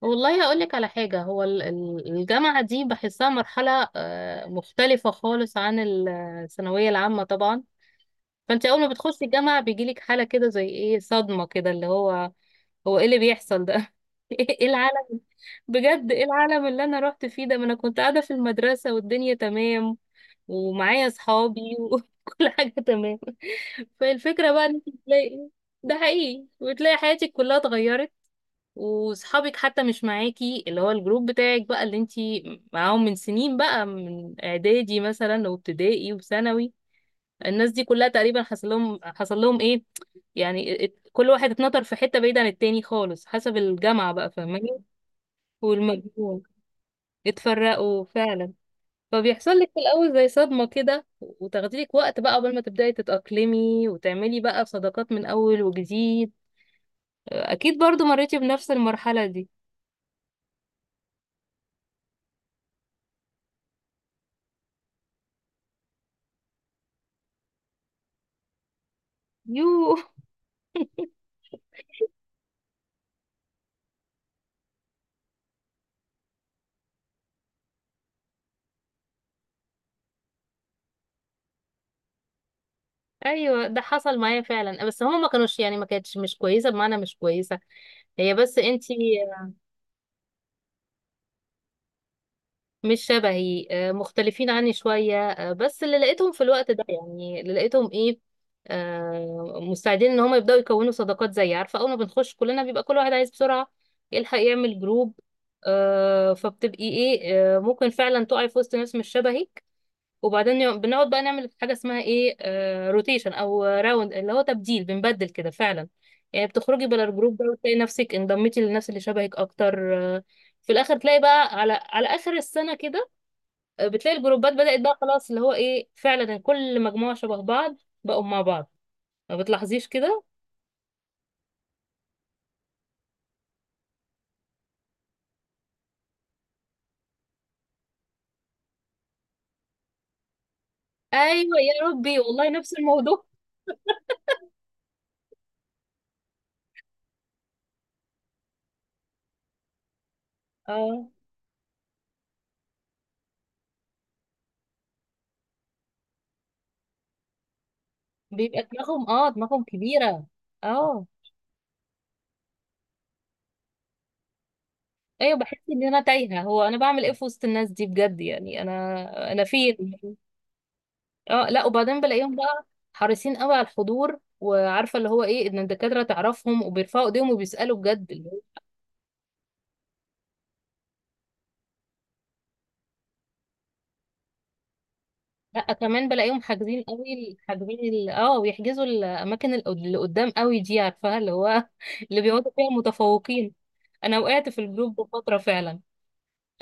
والله هقول لك على حاجة. هو الجامعة دي بحسها مرحلة مختلفة خالص عن الثانوية العامة طبعا. فانت اول ما بتخشي الجامعة بيجيلك حالة كده زي ايه، صدمة كده اللي هو ايه اللي بيحصل ده؟ ايه العالم؟ بجد ايه العالم اللي انا رحت فيه ده؟ ما انا كنت قاعدة في المدرسة والدنيا تمام ومعايا اصحابي وكل حاجة تمام. فالفكرة بقى ان انت تلاقي ده حقيقي، وتلاقي حياتك كلها اتغيرت، وصحابك حتى مش معاكي، اللي هو الجروب بتاعك بقى اللي انتي معاهم من سنين بقى، من اعدادي مثلا وابتدائي وثانوي، الناس دي كلها تقريبا حصل لهم ايه، يعني كل واحد اتنطر في حتة بعيدة عن التاني خالص حسب الجامعة بقى، فاهماني؟ والمجموع اتفرقوا فعلا. فبيحصل لك في الاول زي صدمة كده، وتاخدي لك وقت بقى قبل ما تبدأي تتأقلمي وتعملي بقى صداقات من اول وجديد. اكيد برضو مريتي بنفس المرحلة دي. يو، ايوه ده حصل معايا فعلا، بس هما ما كانوش يعني ما كانتش مش كويسه بمعنى مش كويسه هي، بس انتي مش شبهي، مختلفين عني شويه، بس اللي لقيتهم في الوقت ده، يعني اللي لقيتهم ايه، مستعدين ان هما يبداوا يكونوا صداقات. زي عارفه، اول ما بنخش كلنا بيبقى كل واحد عايز بسرعه يلحق يعمل جروب، فبتبقي ايه، ممكن فعلا تقعي في وسط ناس مش شبهي. وبعدين بنقعد بقى نعمل حاجه اسمها ايه، روتيشن او راوند، اللي هو تبديل، بنبدل كده فعلا. يعني بتخرجي بلا الجروب ده وتلاقي نفسك انضميتي للناس اللي شبهك اكتر. في الاخر تلاقي بقى على على اخر السنه كده، بتلاقي الجروبات بدات بقى خلاص، اللي هو ايه، فعلا كل مجموعه شبه بعض بقوا مع بعض. ما بتلاحظيش كده؟ ايوه يا ربي والله نفس الموضوع. اه، بيبقى دماغهم، اه دماغهم كبيره. اه. ايوه بحس ان انا تايهه، هو انا بعمل ايه في وسط الناس دي بجد؟ يعني انا انا فين؟ اه لا، وبعدين بلاقيهم بقى حريصين قوي على الحضور، وعارفه اللي هو ايه، ان الدكاتره تعرفهم وبيرفعوا ايديهم وبيسالوا بجد، اللي هو لا كمان بلاقيهم حاجزين قوي، حاجزين ويحجزوا الاماكن اللي قدام قوي دي، عارفاها اللي هو اللي بيقعدوا فيها متفوقين. انا وقعت في الجروب ده فتره فعلا.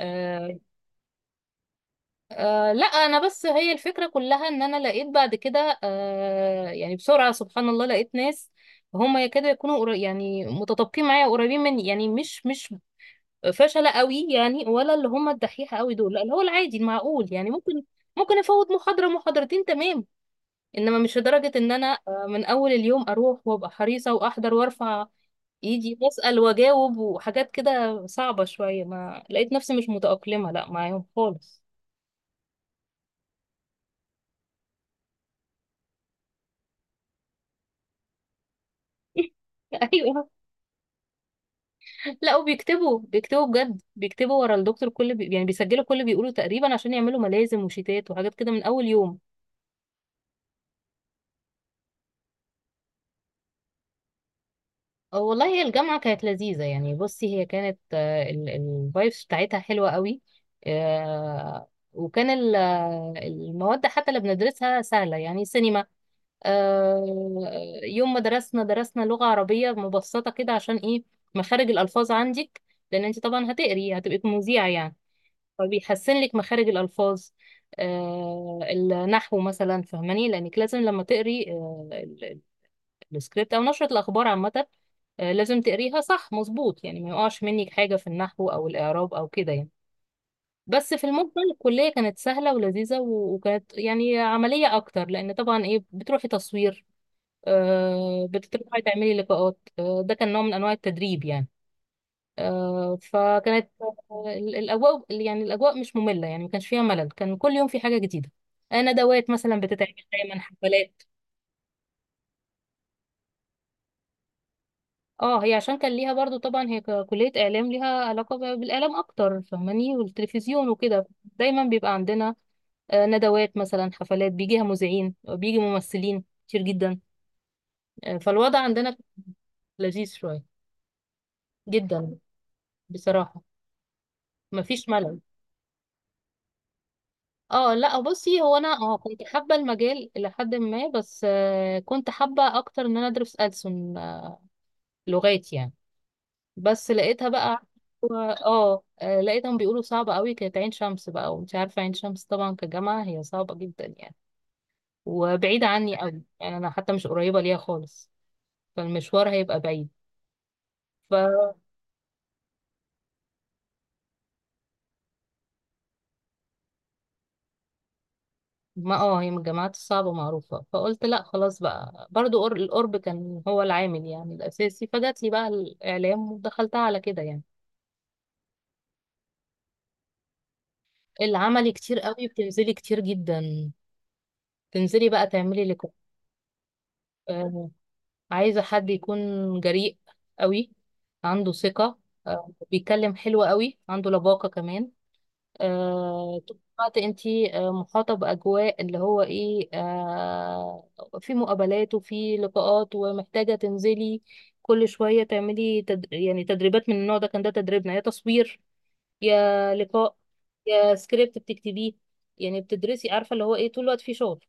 آه، آه لا، انا بس هي الفكره كلها ان انا لقيت بعد كده آه يعني بسرعه، سبحان الله لقيت ناس هم يكادوا يكونوا يعني متطابقين معايا، قريبين مني، يعني مش فشله قوي يعني، ولا اللي هم الدحيحه قوي دول، لا اللي هو العادي المعقول، يعني ممكن ممكن افوت محاضره محاضرتين تمام، انما مش لدرجه ان انا آه من اول اليوم اروح وابقى حريصه واحضر وارفع ايدي واسال واجاوب وحاجات كده صعبه شويه. ما لقيت نفسي مش متاقلمه لا معاهم خالص. ايوه لا، وبيكتبوا، بيكتبوا بجد ورا الدكتور كل يعني بيسجلوا كل بيقولوا تقريبا، عشان يعملوا ملازم وشيتات وحاجات كده من اول يوم. أه والله هي الجامعة كانت لذيذة. يعني بصي، هي كانت الفايبس بتاعتها حلوة قوي، آه، وكان المواد حتى اللي بندرسها سهلة، يعني سينما، آه، يوم ما درسنا لغة عربية مبسطة كده، عشان ايه، مخارج الألفاظ عندك، لأن انت طبعا هتقري هتبقي مذيعة يعني، فبيحسن لك مخارج الألفاظ. آه النحو مثلا فهماني، لأنك لازم لما تقري آه السكريبت أو نشرة الأخبار عامة، آه لازم تقريها صح مظبوط، يعني ما يقعش منك حاجة في النحو أو الإعراب أو كده يعني. بس في المجمل الكلية كانت سهلة ولذيذة، وكانت يعني عملية أكتر، لأن طبعا إيه، بتروحي تصوير، آه بتروحي تعملي لقاءات، آه ده كان نوع من أنواع التدريب يعني. آه، فكانت آه، الاجواء يعني الاجواء مش ممله، يعني ما كانش فيها ملل، كان كل يوم في حاجه جديده. ندوات مثلا بتتعمل، دايما حفلات. اه، هي عشان كان ليها برضو طبعا هي كليه اعلام، ليها علاقه بالاعلام اكتر، فاهماني، والتلفزيون وكده، دايما بيبقى عندنا ندوات مثلا، حفلات، بيجيها مذيعين، بيجي ممثلين كتير جدا، فالوضع عندنا لذيذ شويه جدا بصراحه، مفيش ملل. اه لا، بصي هو انا اه كنت حابه المجال الى حد ما، بس كنت حابه اكتر ان انا ادرس ألسن، لغات يعني. بس لقيتها بقى، اه لقيتهم بيقولوا صعبه قوي كانت عين شمس بقى، ومش عارفه عين شمس طبعا كجامعه هي صعبه جدا يعني، وبعيده عني قوي يعني، انا حتى مش قريبه ليها خالص، فالمشوار هيبقى بعيد. ف ما اه هي من الجامعات الصعبة معروفة، فقلت لا خلاص بقى برضو القرب كان هو العامل يعني الأساسي، فجات لي بقى الإعلام ودخلتها على كده يعني. العملي كتير قوي، بتنزلي كتير جدا، تنزلي بقى تعملي اللي كنت آه، عايزة. حد يكون جريء قوي، عنده ثقة، بيتكلم حلو قوي، عنده لباقة كمان، طول الوقت انتي محاطة بأجواء اللي هو ايه، في مقابلات وفي لقاءات، ومحتاجة تنزلي كل شوية تعملي يعني تدريبات من النوع ده. كان ده تدريبنا، يا تصوير يا لقاء يا سكريبت بتكتبيه، يعني بتدرسي، عارفه اللي هو ايه، طول الوقت فيه شغل.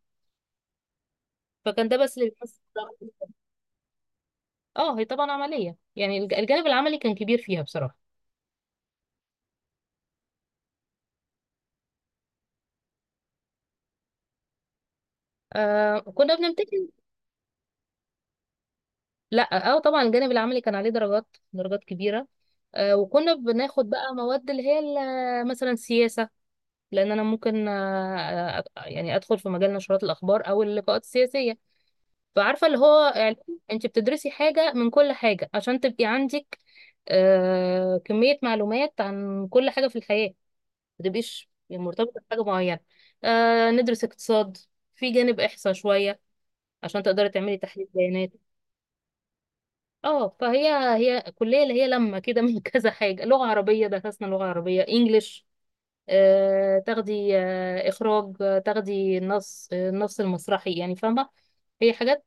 فكان ده بس للناس. اه هي طبعا عمليه، يعني الجانب العملي كان كبير فيها بصراحه. آه كنا بنمتحن. لا اه طبعا الجانب العملي كان عليه درجات، درجات كبيره. آه وكنا بناخد بقى مواد اللي هي مثلا سياسه، لان انا ممكن يعني ادخل في مجال نشرات الاخبار او اللقاءات السياسيه، فعارفة اللي هو علم، انت بتدرسي حاجة من كل حاجة عشان تبقي عندك آه كمية معلومات عن كل حاجة في الحياة، ما تبقيش يعني مرتبطة بحاجة معينة. آه ندرس اقتصاد، في جانب احصاء شوية عشان تقدري تعملي تحليل بيانات. اه فهي هي كلية اللي هي لما كده من كذا حاجة، لغة عربية، درسنا لغة عربية، انجليش، آه تاخدي آه اخراج، آه تاخدي النص، النص المسرحي، يعني فاهمة هي حاجات.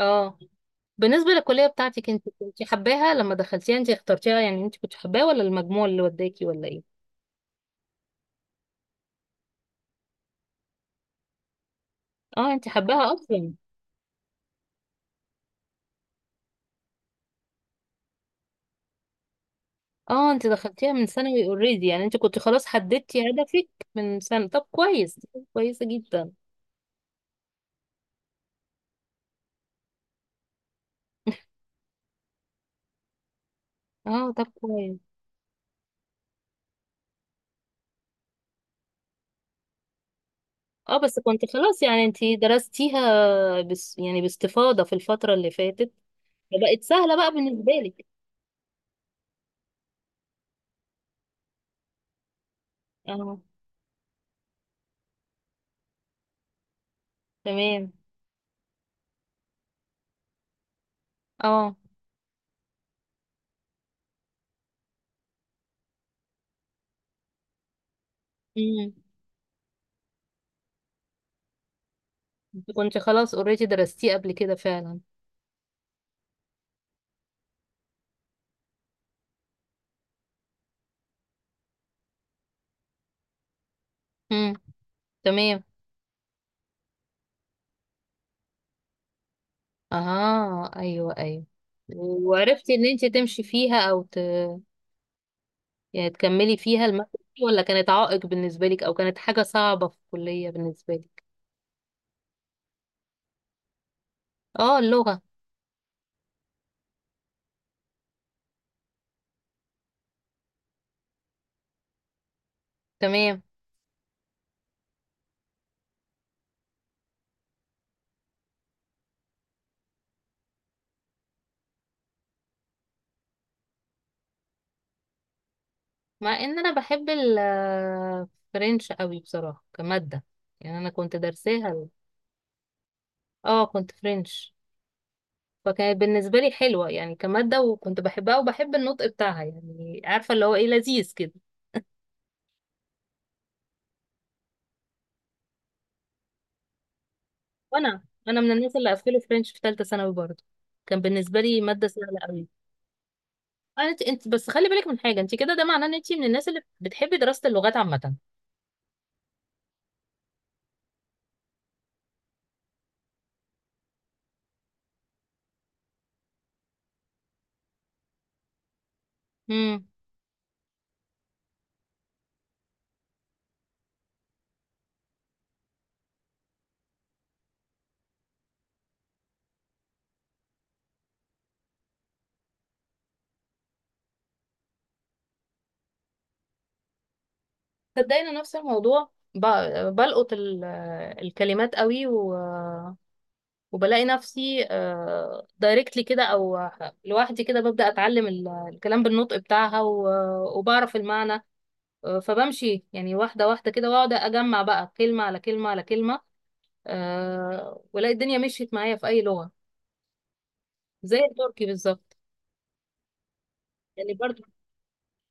اه. بالنسبة للكلية بتاعتك انت، كنت حباها لما دخلتيها؟ انت اخترتيها يعني، انت كنت حباها ولا المجموع اللي وداكي ولا ايه؟ اه انت حباها اصلا. اه انت دخلتيها من ثانوي اوريدي يعني، انت كنت خلاص حددتي هدفك من سنة، طب كويس، كويسة جدا. اه طب كويس. اه بس كنت خلاص يعني انت درستيها بس يعني باستفاضة في الفترة اللي فاتت، فبقت سهلة بقى بالنسبة لك. اه. تمام. اه. امم. كنت خلاص اوريدي درستيه قبل كده فعلا. امم. تمام. اه ايوه ايوه. وعرفتي ان انت تمشي فيها او يعني تكملي فيها المادة دي، ولا كانت عائق بالنسبة لك، او كانت حاجة صعبة في الكلية بالنسبة لك؟ اه اللغة. تمام. مع ان انا بحب الفرنش قوي بصراحة، كمادة يعني، انا كنت درساها اه كنت فرنش، فكانت بالنسبة لي حلوة يعني كمادة، وكنت بحبها، وبحب النطق بتاعها، يعني عارفة اللي هو ايه، لذيذ كده. وانا من الناس اللي قفلوا فرنش في ثالثة ثانوي برضه، كان بالنسبة لي مادة سهلة قوي. انت بس خلي بالك من حاجه، انت كده ده معناه ان انت من الناس اللي بتحبي دراسه اللغات عامه. امم. صدقني أنا نفس الموضوع، بلقط الكلمات قوي، و... وبلاقي نفسي دايركتلي كده او لوحدي كده ببدأ اتعلم الكلام بالنطق بتاعها، و... وبعرف المعنى. فبمشي يعني واحده واحده كده، واقعد اجمع بقى كلمه على كلمه على كلمه، والاقي الدنيا مشيت معايا في اي لغه، زي التركي بالظبط، يعني برضو.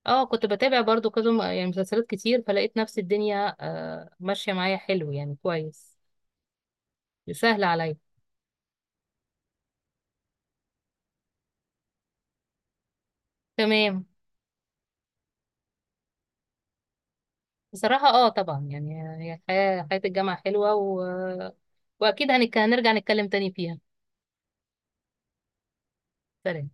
اه كنت بتابع برضو كده يعني مسلسلات كتير، فلقيت نفس الدنيا آه ماشية معايا حلو يعني كويس، سهل عليا. تمام. بصراحة اه طبعا يعني، هي حياة الجامعة حلوة، و... واكيد هنرجع نتكلم تاني فيها. سلام.